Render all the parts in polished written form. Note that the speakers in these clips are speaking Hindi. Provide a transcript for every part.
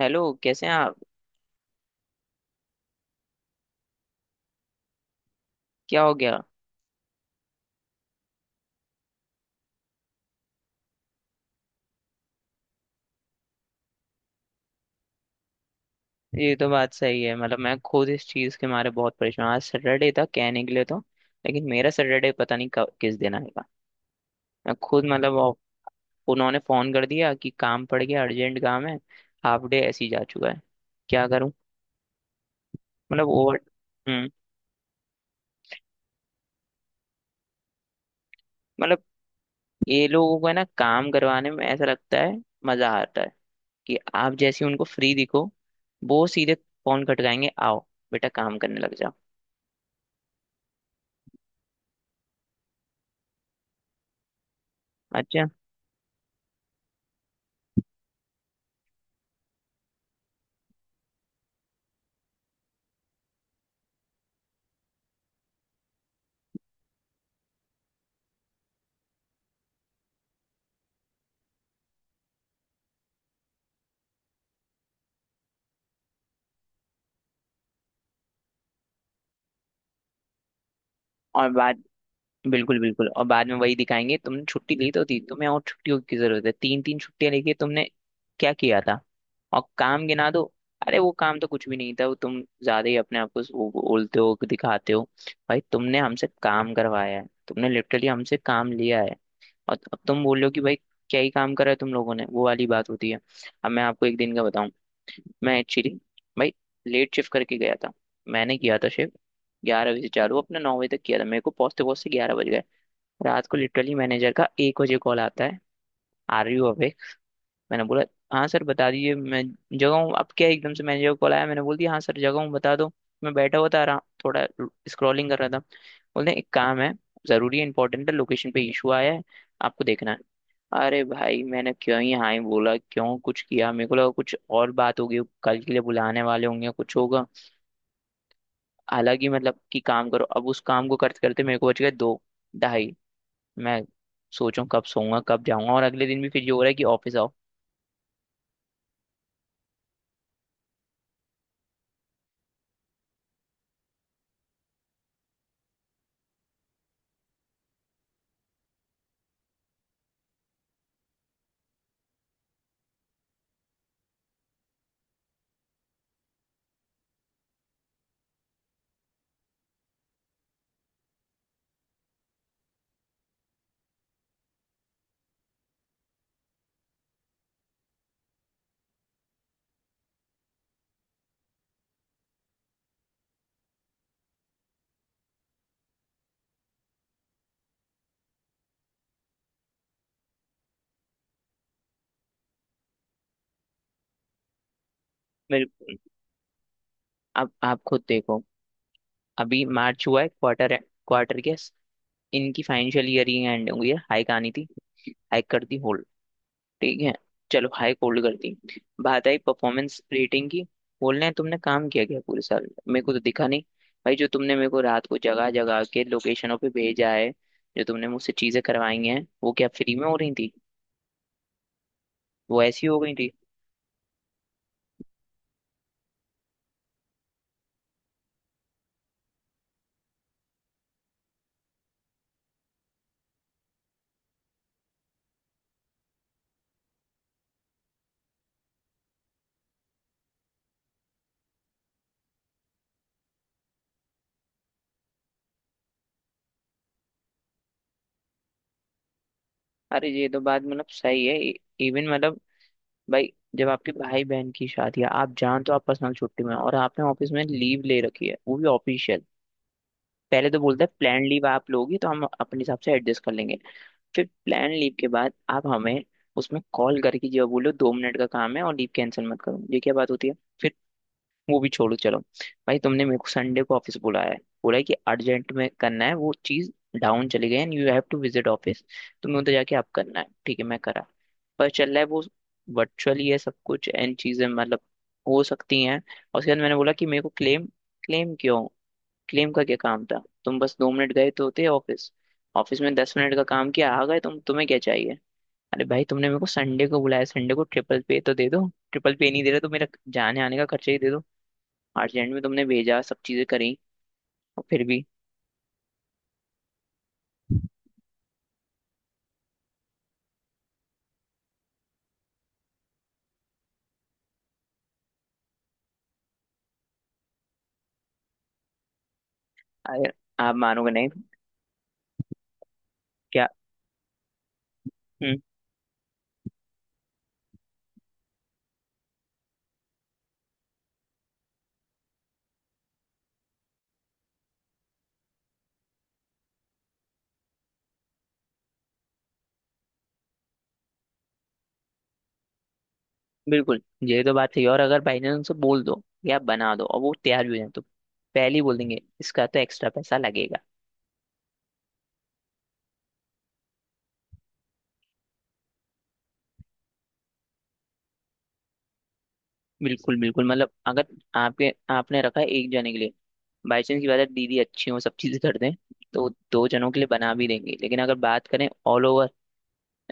हेलो, कैसे हैं आप। क्या हो गया। ये तो बात सही है। मतलब मैं खुद इस चीज़ के मारे बहुत परेशान हूं। आज सैटरडे था कहने के लिए तो, लेकिन मेरा सैटरडे पता नहीं कब किस दिन आएगा। मैं खुद मतलब उन्होंने फ़ोन कर दिया कि काम पड़ गया, अर्जेंट काम है। हाफ डे ऐसे ही जा चुका है। क्या करूं। मतलब ओवर हम्म मतलब ये लोगों को है ना काम करवाने में ऐसा लगता है, मज़ा आता है कि आप जैसे उनको फ्री दिखो, वो सीधे फ़ोन खटकाएंगे, आओ बेटा काम करने लग जाओ। अच्छा। और बात। बिल्कुल बिल्कुल, और बाद में वही दिखाएंगे, तुमने छुट्टी ली तो थी, तुम्हें और छुट्टियों की जरूरत है। तीन तीन छुट्टियां लेके तुमने क्या किया था। और काम गिना दो। अरे वो काम तो कुछ भी नहीं था, वो तुम ज्यादा ही अपने आप को वो बोलते हो, दिखाते हो। भाई तुमने हमसे काम करवाया है, तुमने लिटरली हमसे काम लिया है। और अब तुम बोल रहे हो कि भाई क्या ही काम करा है तुम लोगों ने। वो वाली बात होती है। अब मैं आपको एक दिन का बताऊं। मैं एक्चुअली भाई लेट शिफ्ट करके गया था। मैंने किया था शिफ्ट 11 बजे चालू, अपने 9 बजे तक किया था। मेरे को पहुंचते पहुंचते 11 बज गए रात को। लिटरली मैनेजर का 1 बजे कॉल आता है, आर यू अवेक। मैंने बोला, हाँ सर बता दीजिए, मैं जगह हूँ। अब क्या एकदम से मैनेजर का कॉल आया, मैंने बोल दिया हाँ सर जगह हूँ, बता दो। मैं बैठा हुआ था आराम, थोड़ा स्क्रॉलिंग कर रहा था। बोलते हैं, एक काम है, जरूरी है, इंपॉर्टेंट है, लोकेशन पे इशू आया है, आपको देखना है। अरे भाई मैंने क्यों ही हाँ ही बोला, क्यों कुछ किया। मेरे को लगा कुछ और बात होगी, कल के लिए बुलाने वाले होंगे, कुछ होगा। हालांकि मतलब कि काम करो। अब उस काम को करते करते मेरे को बच गए दो ढाई। मैं सोचूं कब सोऊंगा कब जाऊंगा, और अगले दिन भी फिर ये हो रहा है कि ऑफिस आओ। बिल्कुल। अब आप खुद देखो, अभी मार्च हुआ है, क्वार्टर है, क्वार्टर के इनकी फाइनेंशियल ईयर ही एंड हुई है, हाइक आनी थी। हाइक कर दी होल्ड। ठीक है, चलो हाइक होल्ड कर दी। बात आई परफॉर्मेंस रेटिंग की, बोल रहे हैं तुमने काम किया क्या पूरे साल, मेरे को तो दिखा नहीं। भाई जो तुमने मेरे को रात को जगह जगह के लोकेशनों पे भेजा है, जो तुमने मुझसे चीजें करवाई हैं, वो क्या फ्री में हो रही थी। वो ऐसी हो गई थी। अरे ये तो बात मतलब सही है। इवन मतलब भाई जब आपके भाई बहन की शादी है, आप जान तो आप पर्सनल छुट्टी में हो, और आपने ऑफिस में लीव ले रखी है वो भी ऑफिशियल। पहले तो बोलता है प्लान लीव आप लोगी तो हम अपने हिसाब से एडजस्ट कर लेंगे। फिर प्लान लीव के बाद आप हमें उसमें कॉल करके जो बोलो 2 मिनट का काम है, और लीव कैंसिल मत करो, ये क्या बात होती है। फिर वो भी छोड़ो चलो। भाई तुमने मेरे को संडे को ऑफिस बुलाया है, बोला है कि अर्जेंट में करना है वो चीज, डाउन चली गई and you have to visit office, तुम्हें उधर जाके आप करना है। ठीक है मैं करा, पर चल रहा है वो, वर्चुअली है सब कुछ एंड चीजें मतलब हो सकती हैं। और उसके बाद मैंने बोला कि मेरे को क्लेम। क्लेम क्यों, क्लेम का क्या काम था, तुम बस 2 मिनट गए तो होते ऑफिस। ऑफिस में 10 मिनट का काम किया, आ गए तुम, तुम्हें क्या चाहिए। अरे भाई तुमने मेरे को संडे को बुलाया, संडे को ट्रिपल पे तो दे दो। ट्रिपल पे नहीं दे रहे तो मेरा जाने आने का खर्चा ही दे दो। आर्टलैंड में तुमने भेजा, सब चीजें करी, और फिर भी। अगर आप मानोगे नहीं। क्या। हम्म बिल्कुल, ये तो बात सही है। और अगर बाई चांस उनसे बोल दो या बना दो और वो तैयार भी हो जाए, तो पहले ही बोल देंगे इसका तो एक्स्ट्रा पैसा लगेगा। बिल्कुल बिल्कुल। मतलब अगर आपके आपने रखा है एक जने के लिए, बाई चांस की बात है दीदी अच्छी हो, सब चीजें कर दें, तो दो जनों के लिए बना भी देंगे। लेकिन अगर बात करें ऑल ओवर,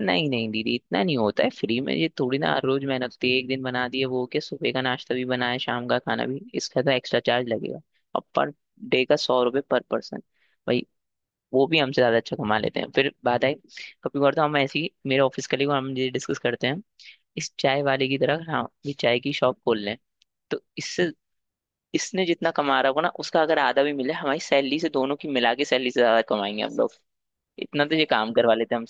नहीं नहीं दीदी इतना नहीं होता है फ्री में, ये थोड़ी ना हर रोज मेहनत होती है। एक दिन बना दिए वो क्या, सुबह का नाश्ता भी बनाए शाम का खाना भी, इसका तो एक्स्ट्रा चार्ज लगेगा। और पर डे का 100 रुपये पर पर्सन। भाई वो भी हमसे ज्यादा अच्छा कमा लेते हैं। फिर बात आई, कभी कभार तो हम ऐसे ही, मेरे ऑफिस कलीग और हम ये डिस्कस करते हैं, इस चाय वाले की तरह हाँ ये चाय की शॉप खोल लें तो इससे, इसने जितना कमा रहा होगा ना उसका अगर आधा भी मिले, हमारी सैलरी से दोनों की मिला के सैलरी से ज्यादा कमाएंगे हम लोग। इतना तो ये काम करवा लेते हैं।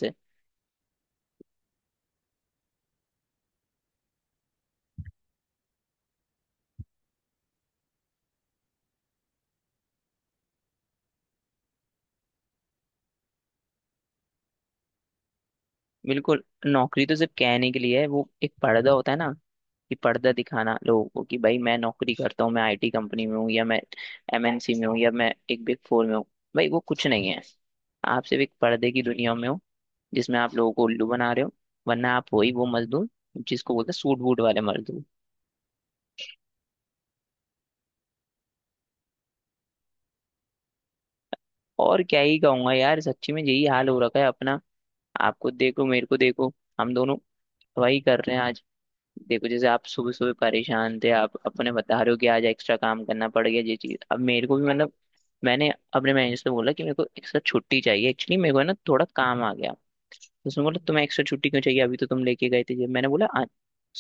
बिल्कुल, नौकरी तो सिर्फ कहने के लिए है, वो एक पर्दा होता है ना, कि पर्दा दिखाना लोगों को कि भाई मैं नौकरी करता हूँ, मैं आईटी कंपनी में हूँ, या मैं एमएनसी में हूँ, या मैं एक बिग फोर में हूँ। भाई वो कुछ नहीं है, आप सिर्फ एक पर्दे की दुनिया में हो, जिसमें आप लोगों को उल्लू बना रहे हो। वरना आप वही वो मजदूर, जिसको बोलते हैं सूट बूट वाले मजदूर। और क्या ही कहूंगा यार, सच्ची में यही हाल हो रखा है अपना। आपको देखो, मेरे को देखो, हम दोनों वही कर रहे हैं। देखो जैसे आप सुबह सुबह परेशान थे, आप अपने बता रहे हो कि आज एक्स्ट्रा काम करना पड़ गया, ये चीज अब मेरे को भी मतलब। मैंने अपने मैनेजर से बोला कि मेरे को एक्स्ट्रा छुट्टी चाहिए, एक्चुअली मेरे को है ना थोड़ा काम आ गया। तो उसने बोला तुम्हें एक्स्ट्रा छुट्टी क्यों चाहिए, अभी तो तुम लेके गए थे। ये मैंने बोला,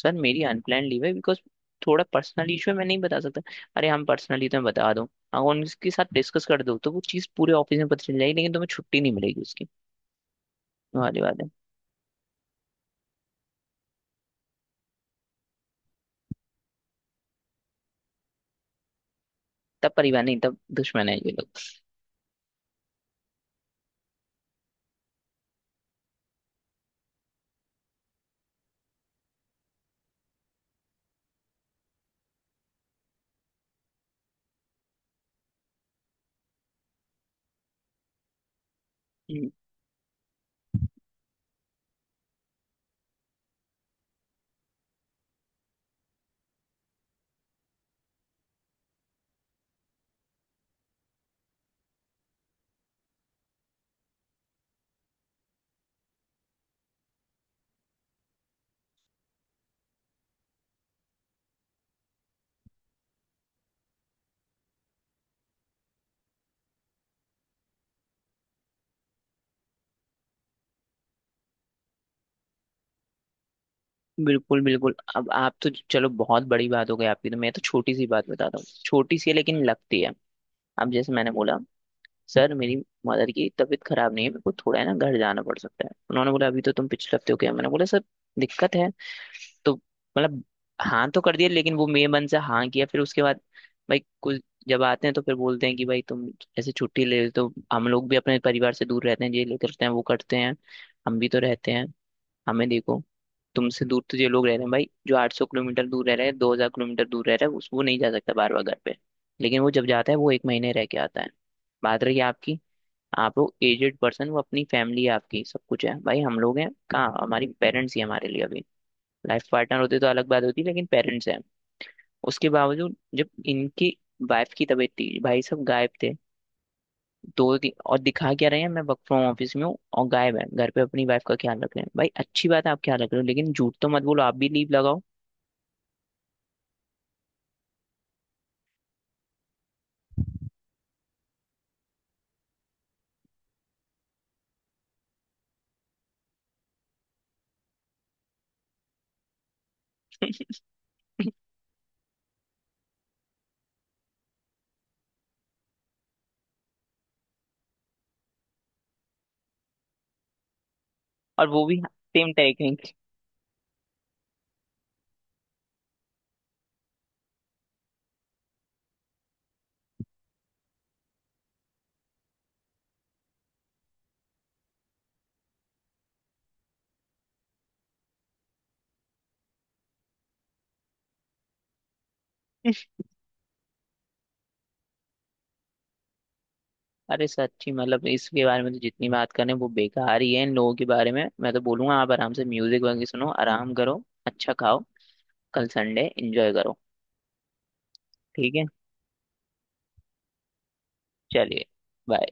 सर मेरी अनप्लान लीव है बिकॉज थोड़ा पर्सनल इशू है, मैं नहीं बता सकता। अरे हम पर्सनली तुम्हें बता दो, अगर उनके साथ डिस्कस कर दो तो वो चीज़ पूरे ऑफिस में पता चल जाएगी, लेकिन तुम्हें छुट्टी नहीं मिलेगी उसकी। वो वाली बात है। तब परिवार नहीं, तब दुश्मन है ये लोग। बिल्कुल बिल्कुल। अब आप तो चलो बहुत बड़ी बात हो गई आपकी, तो मैं तो छोटी सी बात बताता हूँ, छोटी सी है लेकिन लगती है। अब जैसे मैंने बोला सर मेरी मदर की तबीयत खराब नहीं है, मेरे को थोड़ा है ना घर जाना पड़ सकता है। उन्होंने बोला अभी तो तुम पिछले हफ्ते हो गया। मैंने बोला सर दिक्कत है तो, मतलब। हाँ तो कर दिया, लेकिन वो मे मन से हाँ किया। फिर उसके बाद भाई कुछ जब आते हैं तो फिर बोलते हैं कि भाई तुम ऐसे छुट्टी ले, तो हम लोग भी अपने परिवार से दूर रहते हैं, ये लेते रहते हैं, वो करते हैं, हम भी तो रहते हैं। हमें देखो, तुमसे दूर तो ये लोग रह रहे हैं भाई, जो 800 किलोमीटर दूर रह रहे हैं, 2000 किलोमीटर दूर रह रहा है, उस वो नहीं जा सकता बार बार घर पे। लेकिन वो जब जाता है वो एक महीने रह के आता है। बात रही आपकी, आप लोग एजेड पर्सन, वो अपनी फैमिली है आपकी सब कुछ है। भाई हम लोग हैं कहाँ, हमारी पेरेंट्स ही हमारे लिए अभी, लाइफ पार्टनर होते तो अलग बात होती लेकिन पेरेंट्स हैं। उसके बावजूद जब इनकी वाइफ की तबीयत थी, भाई सब गायब थे। और दिखा क्या रहे हैं, मैं वर्क फ्रॉम ऑफिस में हूँ, और गायब है घर पे, अपनी वाइफ का ख्याल रख रहे हैं। भाई अच्छी बात है आप ख्याल रख रहे हो, लेकिन झूठ तो मत बोलो, आप भी लीव लगाओ। और वो भी सेम टेक्निक। अरे सच्ची मतलब, इसके बारे में तो जितनी बात करें वो बेकार ही है इन लोगों के बारे में। मैं तो बोलूंगा आप आराम से म्यूजिक वगैरह सुनो, आराम करो, अच्छा खाओ, कल संडे एंजॉय करो। ठीक है। चलिए। बाय।